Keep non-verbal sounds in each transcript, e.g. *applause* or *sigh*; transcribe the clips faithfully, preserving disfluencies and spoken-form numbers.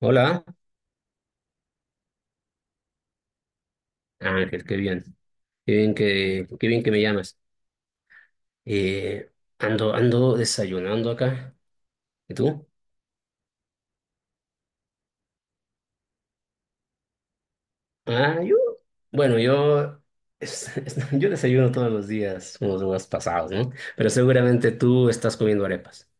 Hola, Ángel, qué bien, qué bien que, qué bien que me llamas. Eh, ando, ando desayunando acá. ¿Y tú? Ah, yo, bueno, yo, es- es- *laughs* yo desayuno todos los días, unos días pasados, ¿no? Pero seguramente tú estás comiendo arepas.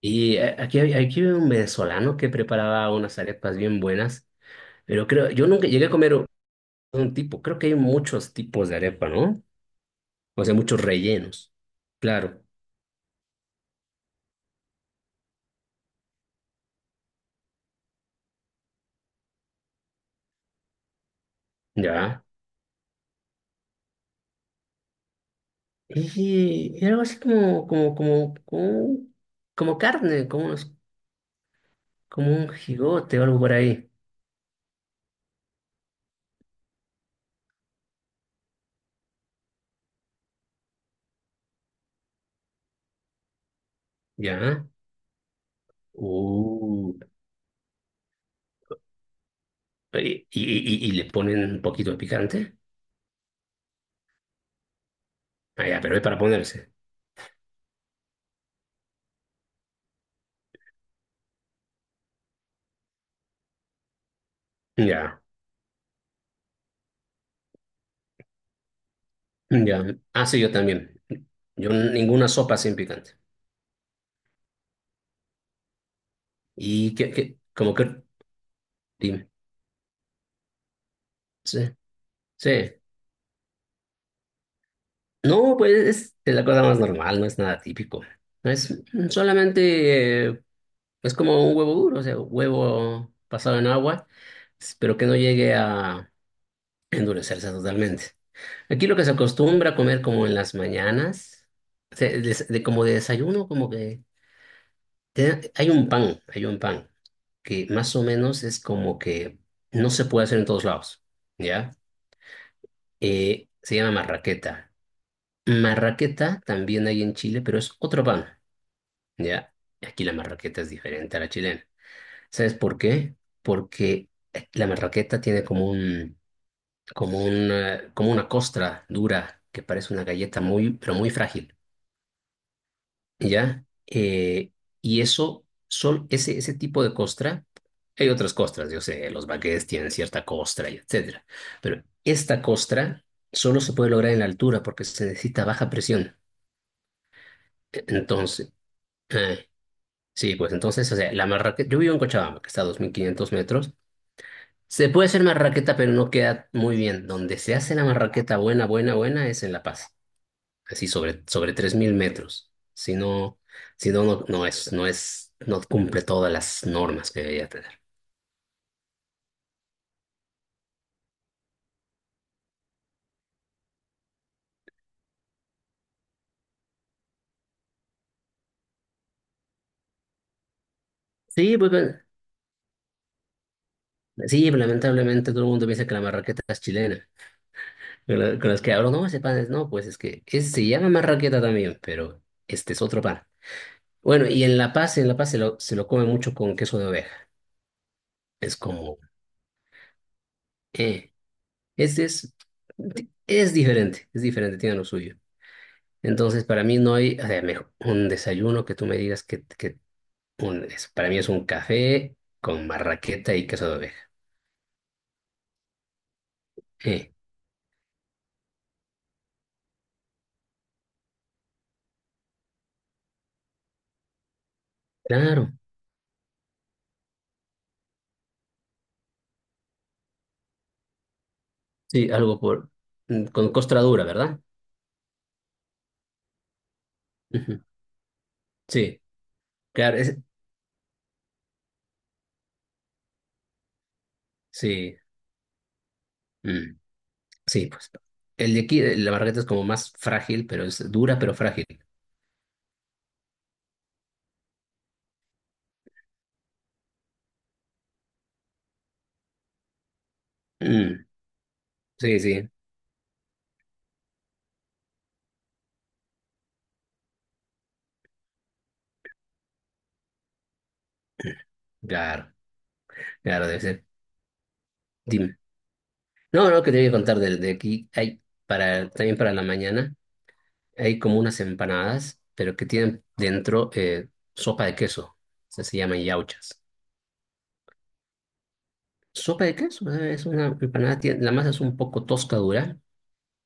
Y eh, aquí, hay- aquí hay un venezolano que preparaba unas arepas bien buenas, pero creo, yo nunca llegué a comer un un tipo. Creo que hay muchos tipos de arepa, ¿no? O sea, muchos rellenos. Claro, ya. Y era algo así como, como, como, como, como carne, como, unos- como un jigote o algo por ahí. ¿Ya? Uh, y, y, y- y le ponen un poquito de picante. Ah, ya, pero es para ponerse. Ya, ya. Ah, sí, yo también. Yo ninguna sopa sin picante. Y que, que, como que, dime. Sí, sí. No, pues es la cosa más normal, no es nada típico. Es solamente eh, Es como un huevo duro, o sea, huevo pasado en agua, s- pero que no llegue a endurecerse totalmente. Aquí lo que se acostumbra a comer como en las mañanas, o sea, des- de, como de desayuno, como que te- hay un pan, hay un pan, que más o menos es como que no se puede hacer en todos lados, ¿ya? Eh, se llama marraqueta. Marraqueta también hay en Chile, pero es otro pan, ¿ya? Aquí la marraqueta es diferente a la chilena. ¿Sabes por qué? Porque la marraqueta tiene como un, como una, como una costra dura que parece una galleta muy, pero muy frágil, ¿ya? Eh, y eso, sol, ese, ese tipo de costra, hay otras costras, yo sé, los baguettes tienen cierta costra y etcétera, pero esta costra solo se puede lograr en la altura porque se necesita baja presión. E- Entonces, eh, sí, pues entonces, o sea, la marraqueta, yo vivo en Cochabamba, que está a dos mil quinientos metros. Se puede hacer marraqueta, pero no queda muy bien. Donde se hace la marraqueta buena, buena, buena es en La Paz, así sobre, sobre tres mil metros. Si no, si no, no, no es, no es, No cumple todas las normas que debería tener. Sí, pues, bueno, sí, lamentablemente todo el mundo piensa que la marraqueta es chilena. Con la- con los que hablo, no, ese pan es, no, pues es que es- se llama marraqueta también, pero este es otro pan. Bueno, y en La Paz, en La Paz se lo, se lo come mucho con queso de oveja. Es como, eh, Este es, es diferente, es diferente, tiene lo suyo. Entonces, para mí no hay, o sea, mejor, un desayuno que tú me digas que, que un- es- para mí es un café con marraqueta y queso de oveja. Eh, claro, sí, algo por, mm, con costra dura, ¿verdad? Ujú. Sí, claro, es, sí, mm, sí, pues. El de aquí, eh, la marraqueta es como más frágil, pero es dura, pero frágil. Mm, sí, sí, claro, claro, debe ser. Dime. No, no, que te voy a contar de, de aquí. Hay para, también para la mañana, hay como unas empanadas, pero que tienen dentro eh, sopa de queso. Se, se llaman yauchas. Sopa de queso, eh, es una empanada, tiene- la masa es un poco tosca dura,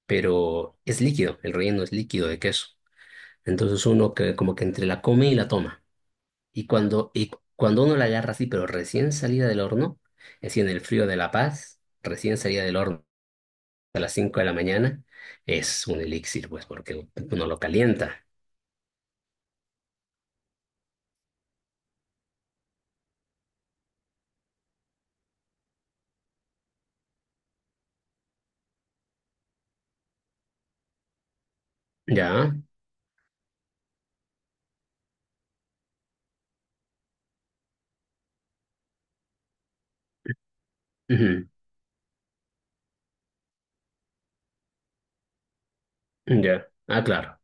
pero es líquido, el relleno es líquido de queso. Entonces uno que como que entre la come y la toma. Y cuando, y cuando uno la agarra así, pero recién salida del horno, así en el frío de La Paz, recién salida del horno a las cinco de la mañana, es un elixir, pues, porque uno lo calienta. ¿Ya? Ujú. Ya. Ah, claro.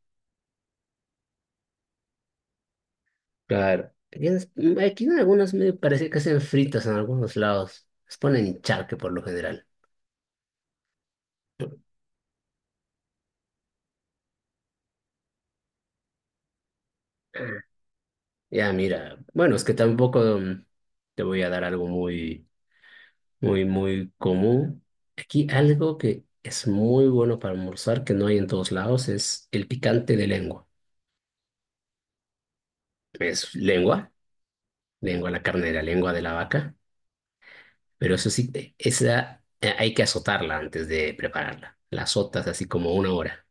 Claro. Aquí en aquí en algunos me parece que hacen fritas en algunos lados. Les ponen charque por lo general. Ya, mira, bueno, es que tampoco mm, te voy a dar algo muy, muy, muy común. Aquí algo que es muy bueno para almorzar, que no hay en todos lados, es el picante de lengua. Es lengua, lengua, la carne de la lengua de la vaca. Pero eso sí, eh, esa eh, hay que azotarla antes de prepararla. La azotas así como una hora.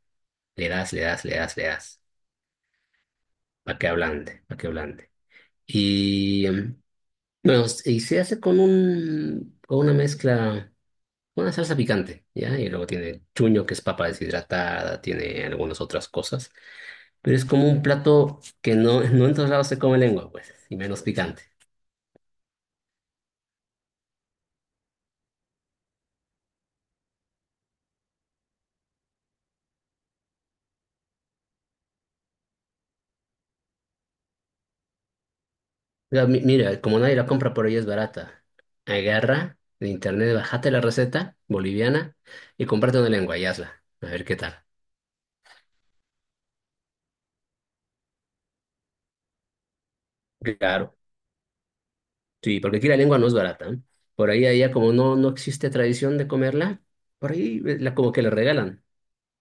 Le das, le das, le das, le das. Para que ablande, para que ablande. Y, em, bueno, s- y se hace con un, con una mezcla, una salsa picante, ¿ya? Y luego tiene chuño, que es papa deshidratada, tiene algunas otras cosas. Pero es como un plato que no, no en todos lados se come lengua, pues, y menos picante. Mira, mi- mira, como nadie la compra, por ella es barata. Agarra de internet, bájate la receta boliviana y comprate una lengua y hazla. A ver qué tal. Claro. Sí, porque aquí la lengua no es barata, ¿eh? Por ahí, allá, como no, no existe tradición de comerla, por ahí eh, la, como que la regalan,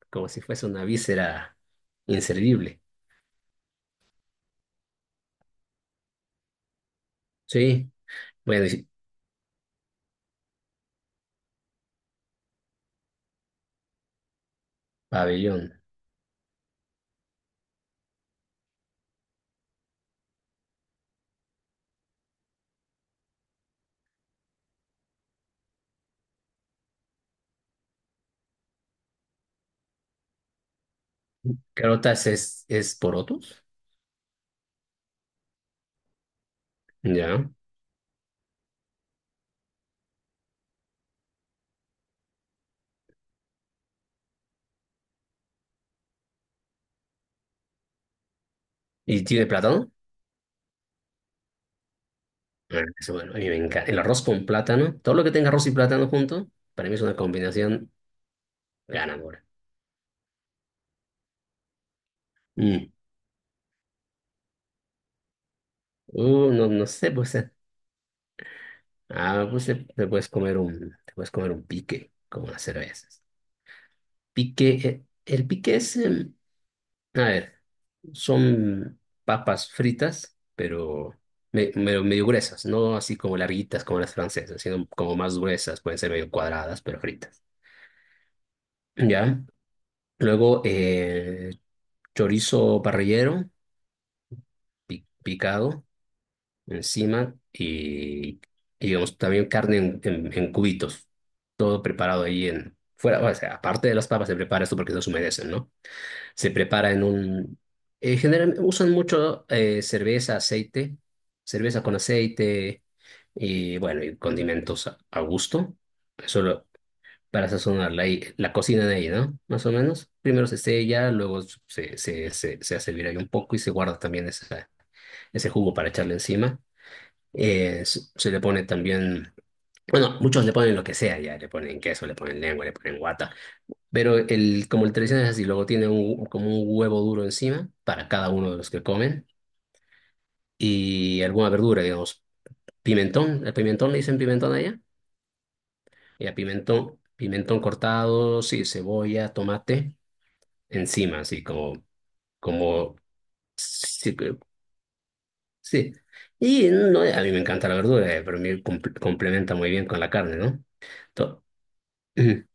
como si fuese una víscera inservible. Sí, bueno, y- sí, pabellón. Carotas es, es porotos, ya. ¿Y tiene plátano? Bueno, eso, bueno, a mí me encanta. El arroz con plátano, todo lo que tenga arroz y plátano junto, para mí es una combinación ganadora. Mm. Uh, no, no sé, pues, eh, ah, pues eh, te puedes comer un, te puedes comer un pique, como las cervezas. Pique, eh, el pique es, em, a ver, son papas fritas, pero me- medio, medio gruesas, no así como larguitas como las francesas, sino como más gruesas, pueden ser medio cuadradas, pero fritas. ¿Ya? Luego, eh, chorizo parrillero pi- picado encima y, y, digamos, también carne en, en- en cubitos. Todo preparado ahí en... Fuera, o sea, aparte de las papas se prepara esto porque no se humedecen, ¿no? Se prepara en un... eh, generalmente usan mucho eh, cerveza, aceite, cerveza con aceite y, bueno, y condimentos a, a gusto. Solo para sazonar la, la cocina de ahí, ¿no? Más o menos. Primero se sella, luego se, se, se, se hace hervir ahí un poco y se guarda también esa ese jugo para echarle encima. Eh, se se le pone también, bueno, muchos le ponen lo que sea ya, le ponen queso, le ponen lengua, le ponen guata, pero el, como el tradicional es así, luego tiene un, como un huevo duro encima para cada uno de los que comen y alguna verdura, digamos, pimentón, el pimentón le dicen pimentón allá, y pimentón, pimentón cortado, sí, cebolla, tomate encima, así como, como, sí. Sí. Y no, a mí me encanta la verdura, eh, pero me com- complementa muy bien con la carne, ¿no? To- Ujú.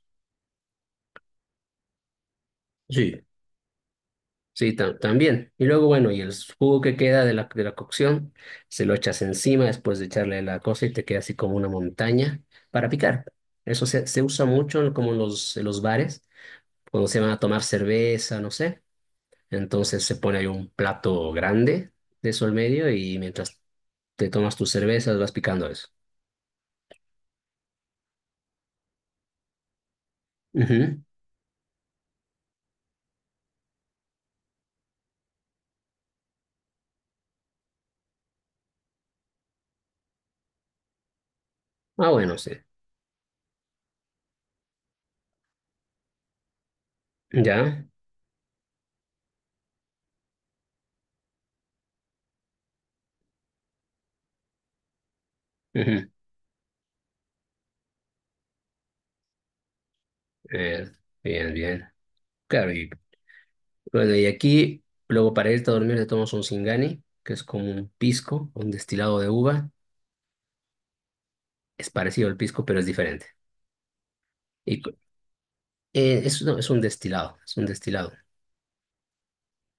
Sí, sí, ta- también. Y luego, bueno, y el jugo que queda de la, de la cocción, se lo echas encima después de echarle la cosa y te queda así como una montaña para picar. Eso se, se usa mucho en como en los, en los bares, cuando se van a tomar cerveza, no sé. Entonces se pone ahí un plato grande de eso al medio y mientras te tomas tus cervezas vas picando eso. Ujú. Ah, bueno, sí. Ya. Ujú. *laughs* Eh, bien, bien. Claro, y bueno, y aquí, luego para irte a dormir te tomas un Singani, que es como un pisco, un destilado de uva. Es parecido al pisco, pero es diferente. Y cu- eh, es, no, es un destilado, es un destilado.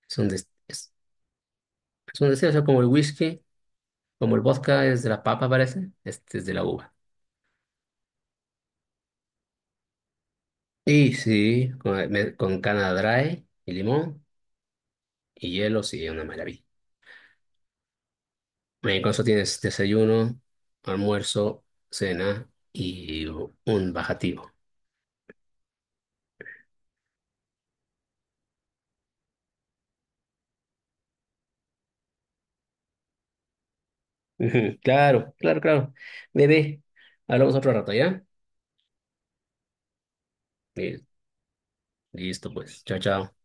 Es un, des- es, es un destilado, o sea, como el whisky, como el vodka es de la papa, parece. Este es de la uva. Y sí, con, me- con cana dry y limón y hielo, sí, una maravilla. Eh, Con eso tienes desayuno, almuerzo, cena y un bajativo. Ujú. Claro, claro, claro. Bebé, hablamos otro rato, ¿ya? Eh, listo, pues. Chao, chao.